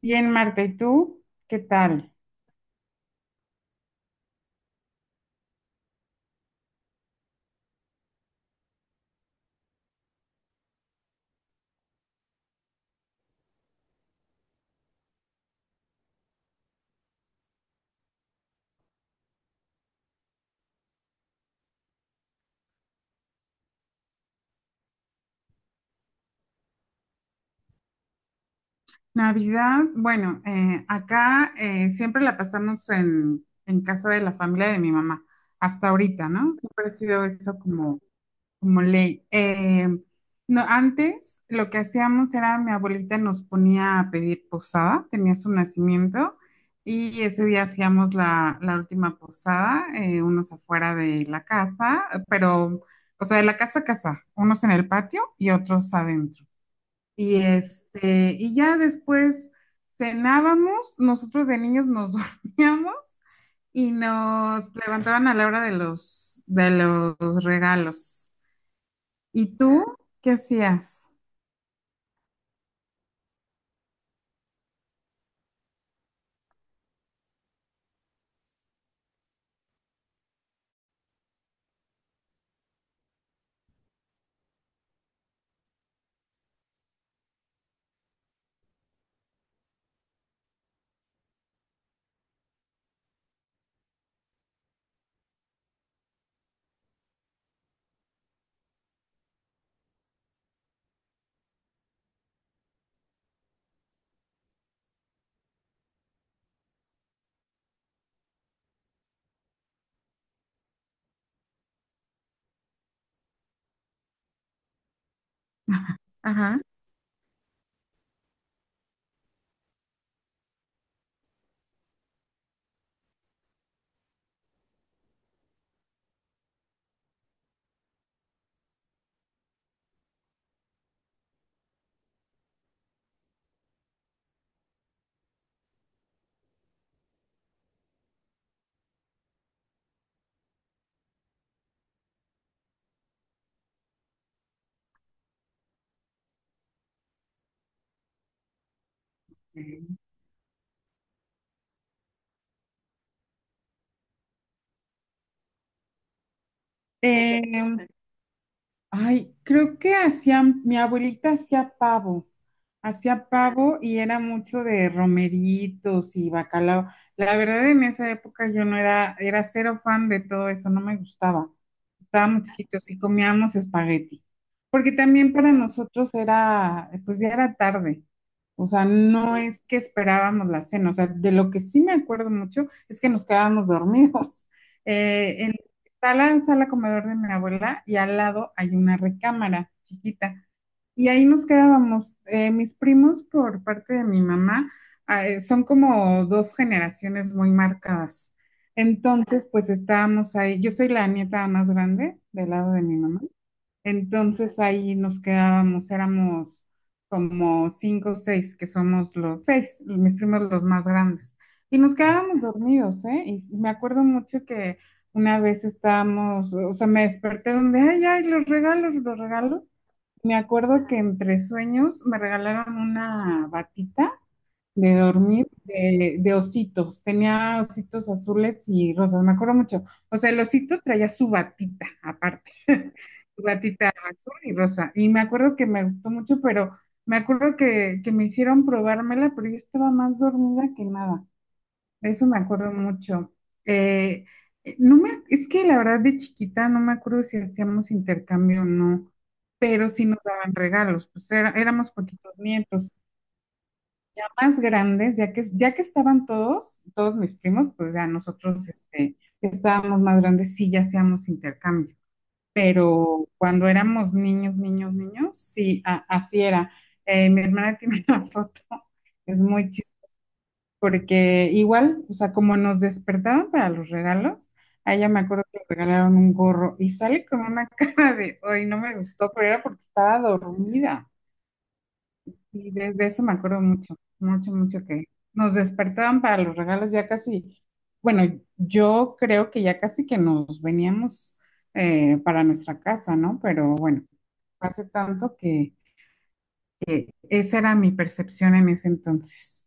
Bien, Marta, ¿y tú? ¿Qué tal? Navidad, bueno, acá siempre la pasamos en casa de la familia de mi mamá, hasta ahorita, ¿no? Siempre ha sido eso como, como ley. No, antes lo que hacíamos era mi abuelita nos ponía a pedir posada, tenía su nacimiento y ese día hacíamos la última posada, unos afuera de la casa, pero, o sea, de la casa a casa, unos en el patio y otros adentro. Y este, y ya después cenábamos, nosotros de niños nos dormíamos y nos levantaban a la hora de los regalos. ¿Y tú qué hacías? Ajá. Mm. Eh, Ay, creo que hacían, mi abuelita hacía pavo y era mucho de romeritos y bacalao. La verdad, en esa época yo no era, era cero fan de todo eso, no me gustaba. Estábamos chiquitos y comíamos espagueti, porque también para nosotros era, pues ya era tarde, o sea, no es que esperábamos la cena, o sea, de lo que sí me acuerdo mucho es que nos quedábamos dormidos. Eh, en, Está la sala comedor de mi abuela y al lado hay una recámara chiquita. Y ahí nos quedábamos. Mis primos, por parte de mi mamá, son como dos generaciones muy marcadas. Entonces, pues estábamos ahí. Yo soy la nieta más grande del lado de mi mamá. Entonces ahí nos quedábamos, éramos como cinco o seis, que somos los seis, mis primos los más grandes. Y nos quedábamos dormidos, ¿eh? Y me acuerdo mucho que una vez estábamos, o sea, me despertaron de, ay, ay, los regalos, los regalos. Me acuerdo que entre sueños me regalaron una batita de dormir de ositos. Tenía ositos azules y rosas, me acuerdo mucho. O sea, el osito traía su batita aparte, su batita azul y rosa. Y me acuerdo que me gustó mucho, pero me acuerdo que me hicieron probármela, pero yo estaba más dormida que nada de eso me acuerdo mucho. Eh, no me, es que la verdad de chiquita no me acuerdo si hacíamos intercambio o no, pero sí nos daban regalos, pues era- éramos poquitos nietos. Más grandes, ya que estaban todos, todos mis primos, pues ya nosotros este, que estábamos más grandes, sí ya hacíamos intercambio. Pero cuando éramos niños, niños, niños, sí, a- así era. Mi hermana tiene una foto, es muy chistosa porque igual, o sea, como nos despertaban para los regalos, a ella me acuerdo que le regalaron un gorro y sale con una cara de, hoy no me gustó, pero era porque estaba dormida. Y desde eso me acuerdo mucho, mucho, mucho que nos despertaban para los regalos ya casi, bueno, yo creo que ya casi que nos veníamos para nuestra casa, ¿no? Pero bueno, hace tanto que esa era mi percepción en ese entonces.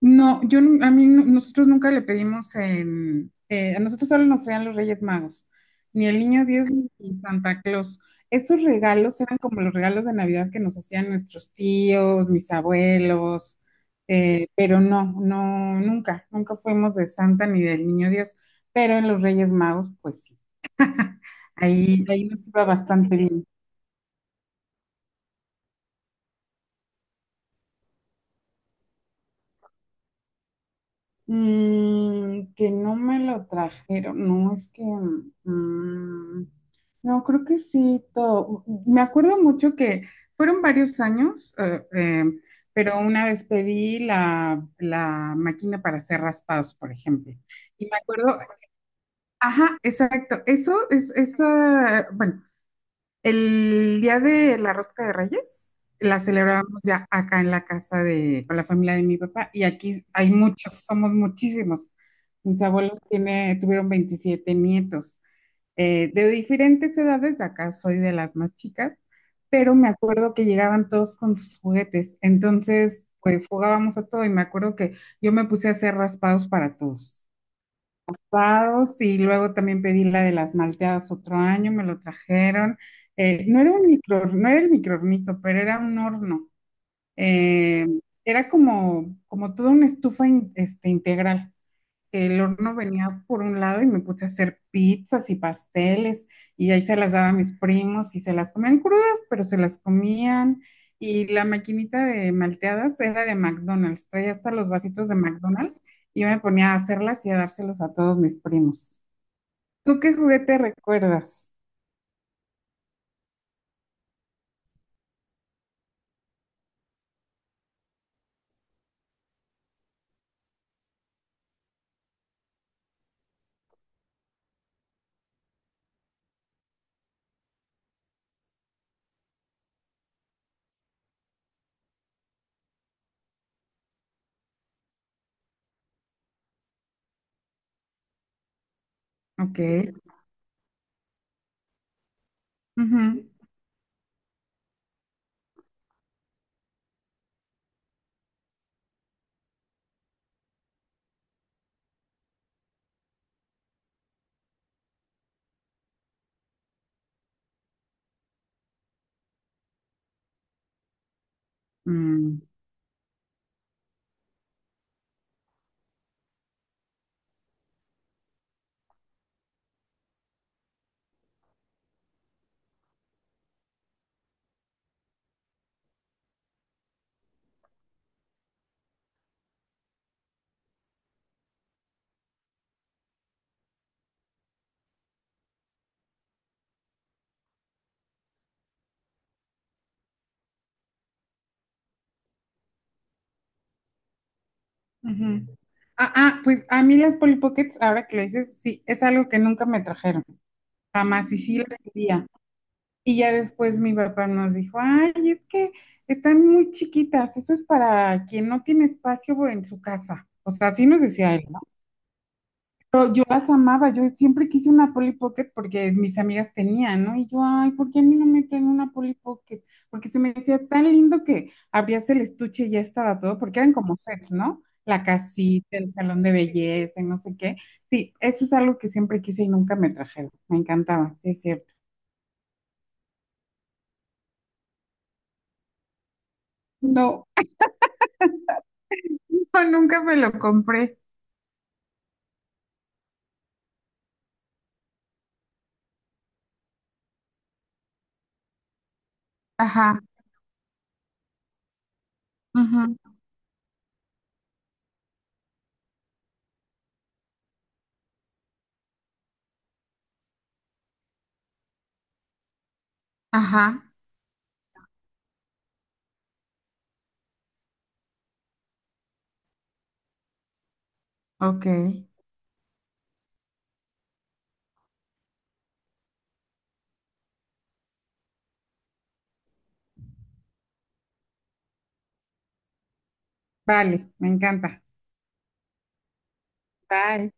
No, yo nu- a mí nu- nosotros nunca le pedimos en a nosotros solo nos traían los Reyes Magos, ni el Niño Dios ni Santa Claus. Estos regalos eran como los regalos de Navidad que nos hacían nuestros tíos, mis abuelos, pero no, no, nunca, nunca fuimos de Santa ni del Niño Dios, pero en los Reyes Magos, pues sí, ahí, ahí nos iba bastante bien. Mm, que no me lo trajeron, no es que, mm, no, creo que sí, todo. Me acuerdo mucho que fueron varios años, pero una vez pedí la máquina para hacer raspados, por ejemplo. Y me acuerdo, ajá, exacto, eso es, eso, bueno, el día de la rosca de Reyes la celebramos ya acá en la casa de con la familia de mi papá y aquí hay muchos, somos muchísimos. Tuvieron 27 nietos de diferentes edades, de acá soy de las más chicas, pero me acuerdo que llegaban todos con sus juguetes, entonces pues jugábamos a todo y me acuerdo que yo me puse a hacer raspados para todos malteados, y luego también pedí la de las malteadas otro año, me lo trajeron. No era un micro, no era el microhornito, pero era un horno. Eh, Era como, como toda una estufa in- este, integral. El horno venía por un lado y me puse a hacer pizzas y pasteles y ahí se las daba a mis primos y se las comían crudas, pero se las comían. Y la maquinita de malteadas era de McDonald's, traía hasta los vasitos de McDonald's y yo me ponía a hacerlas y a dárselos a todos mis primos. ¿Tú qué juguete recuerdas? Ok. Ujú. Mm, ujú. Ah, ah, pues a mí las Polly Pockets, ahora que lo dices, sí, es algo que nunca me trajeron. Jamás, y sí las pedía. Y ya después mi papá nos dijo, ay, es que están muy chiquitas, eso es para quien no tiene espacio en su casa. O sea, así nos decía él, ¿no? Pero yo las amaba, yo siempre quise una Polly Pocket porque mis amigas tenían, ¿no? Y yo, ay, ¿por qué a mí no me traen una Polly Pocket? Porque se me decía tan lindo que abrías el estuche y ya estaba todo, porque eran como sets, ¿no? La casita, el salón de belleza y no sé qué. Sí, eso es algo que siempre quise y nunca me trajeron. Me encantaba, sí es cierto. No, No, nunca me lo compré. Ajá, ujú, ajá, ok. Vale, me encanta. Bye.